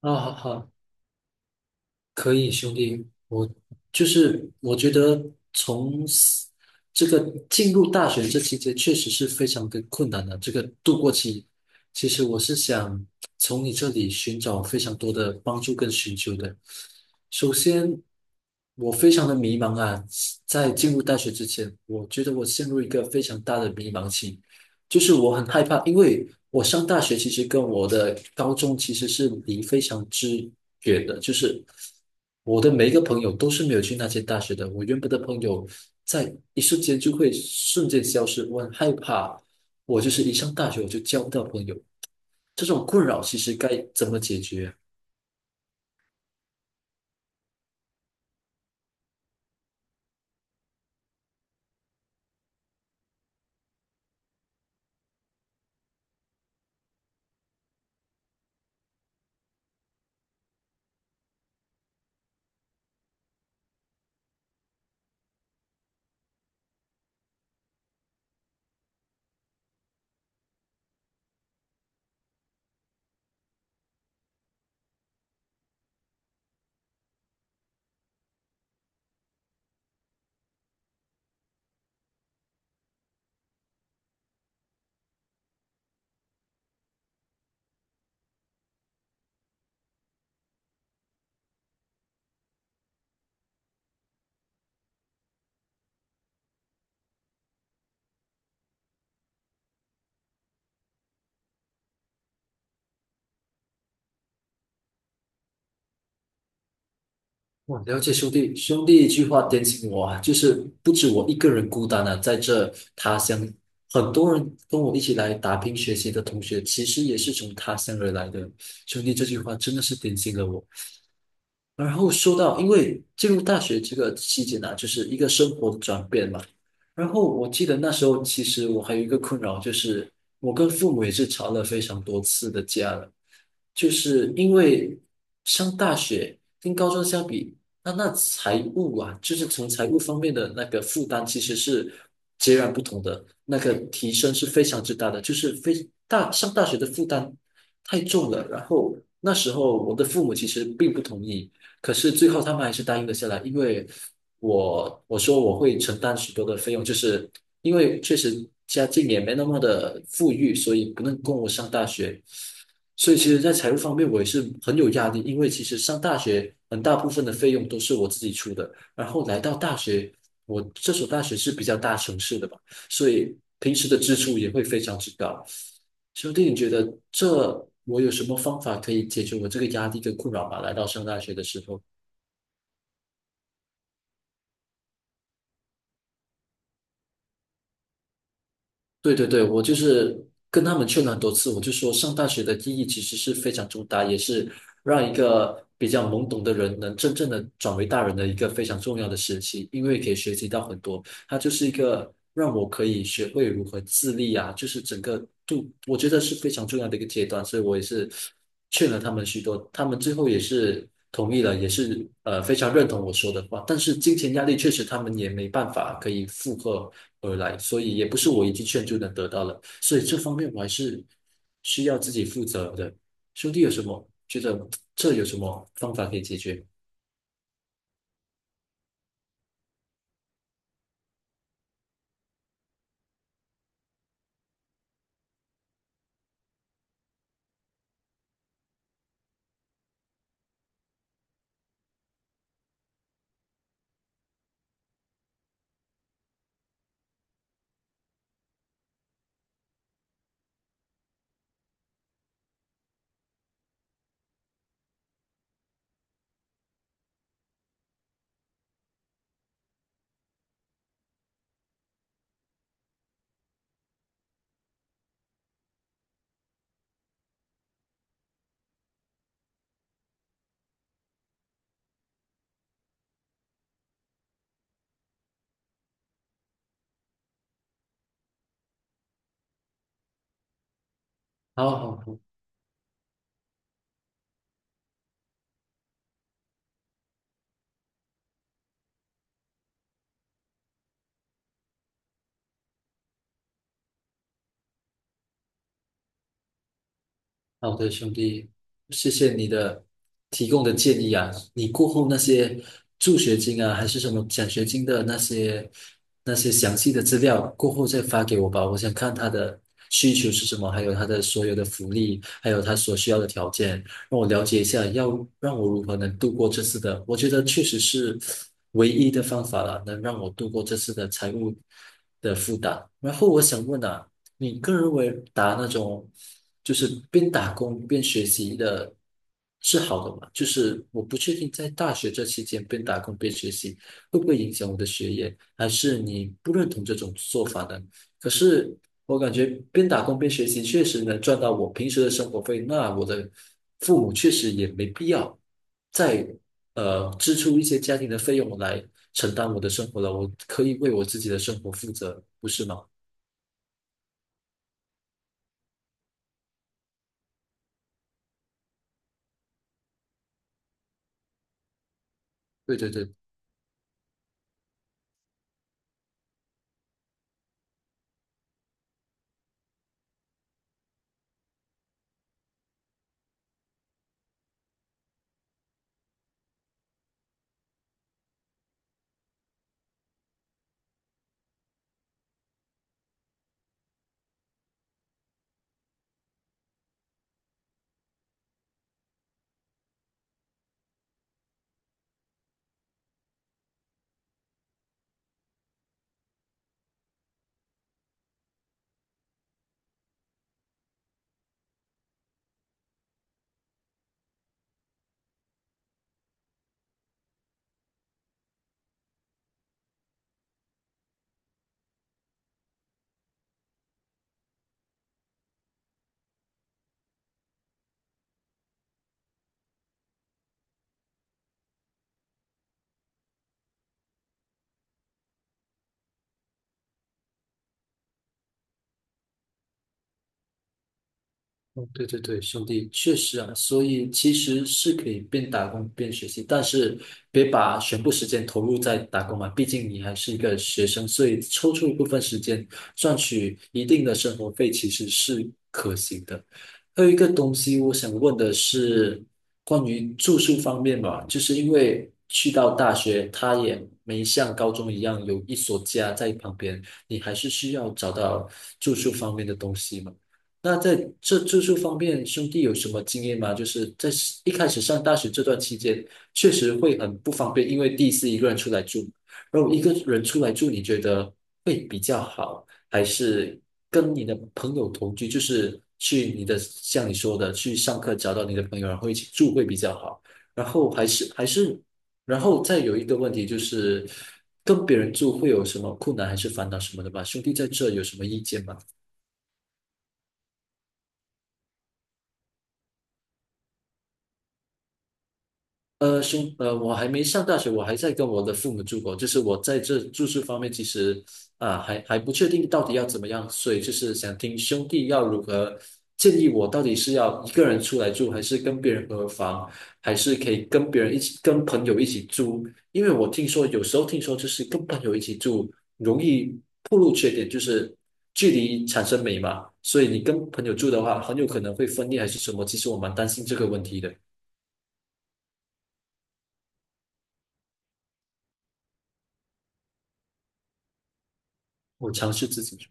啊，好好，可以，兄弟，我就是我觉得从 这个进入大学这期间确实是非常的困难的，这个度过期，其实我是想从你这里寻找非常多的帮助跟寻求的。首先，我非常的迷茫啊，在进入大学之前，我觉得我陷入一个非常大的迷茫期。就是我很害怕，因为我上大学其实跟我的高中其实是离非常之远的，就是我的每一个朋友都是没有去那些大学的，我原本的朋友在一瞬间就会瞬间消失，我很害怕，我就是一上大学我就交不到朋友，这种困扰其实该怎么解决啊？哇，了解兄弟，兄弟一句话点醒我啊，就是不止我一个人孤单啊，在这他乡，很多人跟我一起来打拼学习的同学，其实也是从他乡而来的。兄弟这句话真的是点醒了我，然后说到，因为进入大学这个期间呢、就是一个生活的转变嘛。然后我记得那时候，其实我还有一个困扰，就是我跟父母也是吵了非常多次的架了，就是因为上大学跟高中相比，那财务啊，就是从财务方面的那个负担其实是截然不同的，那个提升是非常之大的，就是非大上大学的负担太重了。然后那时候我的父母其实并不同意，可是最后他们还是答应了下来，因为我说我会承担许多的费用，就是因为确实家境也没那么的富裕，所以不能供我上大学。所以其实，在财务方面我也是很有压力，因为其实上大学很大部分的费用都是我自己出的，然后来到大学，我这所大学是比较大城市的吧，所以平时的支出也会非常之高。兄弟，你觉得这我有什么方法可以解决我这个压力跟困扰吗？来到上大学的时候。对对对，我就是跟他们劝了很多次，我就说上大学的意义其实是非常重大，也是让一个比较懵懂的人能真正的转为大人的一个非常重要的时期，因为可以学习到很多，它就是一个让我可以学会如何自立啊，就是整个度，我觉得是非常重要的一个阶段，所以我也是劝了他们许多，他们最后也是同意了，也是非常认同我说的话，但是金钱压力确实他们也没办法可以负荷。而来，所以也不是我一记劝就能得到了，所以这方面我还是需要自己负责的。兄弟有什么觉得这有什么方法可以解决？好好好，好的，兄弟，谢谢你的提供的建议啊。你过后那些助学金啊，还是什么奖学金的那些那些详细的资料，过后再发给我吧。我想看他的需求是什么，还有他的所有的福利，还有他所需要的条件，让我了解一下，要让我如何能度过这次的。我觉得确实是唯一的方法了，能让我度过这次的财务的负担。然后我想问啊。你个人认为打那种就是边打工边学习的是好的吗？就是我不确定在大学这期间边打工边学习会不会影响我的学业，还是你不认同这种做法呢？可是我感觉边打工边学习确实能赚到我平时的生活费，那我的父母确实也没必要再支出一些家庭的费用来承担我的生活了，我可以为我自己的生活负责，不是吗？对对对。哦，对对对，兄弟，确实啊，所以其实是可以边打工边学习，但是别把全部时间投入在打工嘛，毕竟你还是一个学生，所以抽出一部分时间赚取一定的生活费其实是可行的。还有一个东西，我想问的是关于住宿方面吧，就是因为去到大学，它也没像高中一样有一所家在旁边，你还是需要找到住宿方面的东西嘛。那在这住宿方面，兄弟有什么经验吗？就是在一开始上大学这段期间，确实会很不方便，因为第一次一个人出来住。然后一个人出来住，你觉得会比较好，还是跟你的朋友同居？就是去你的，像你说的，去上课找到你的朋友，然后一起住会比较好。然后还是，然后再有一个问题就是，跟别人住会有什么困难还是烦恼什么的吧？兄弟在这有什么意见吗？我还没上大学，我还在跟我的父母住过。就是我在这住宿方面，其实啊，还不确定到底要怎么样，所以就是想听兄弟要如何建议我，到底是要一个人出来住，还是跟别人合房，还是可以跟别人一起，跟朋友一起住？因为我听说有时候听说就是跟朋友一起住容易暴露缺点，就是距离产生美嘛，所以你跟朋友住的话，很有可能会分裂还是什么。其实我蛮担心这个问题的，我尝试自己。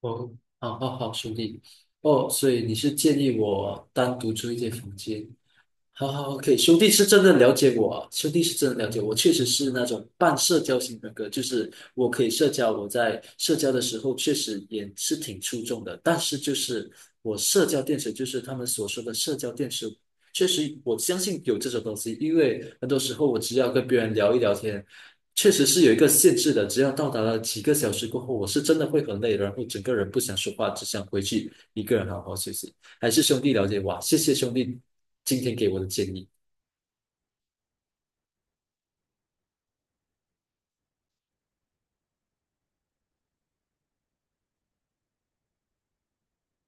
哦，好好好，兄弟，哦，所以你是建议我单独租一间房间，好好，OK,兄弟是真的了解我啊，兄弟是真的了解我，确实是那种半社交型人格，就是我可以社交，我在社交的时候确实也是挺出众的，但是就是我社交电池，就是他们所说的社交电池，确实我相信有这种东西，因为很多时候我只要跟别人聊一聊天，确实是有一个限制的，只要到达了几个小时过后，我是真的会很累，然后整个人不想说话，只想回去一个人好好休息。还是兄弟了解哇，谢谢兄弟今天给我的建议，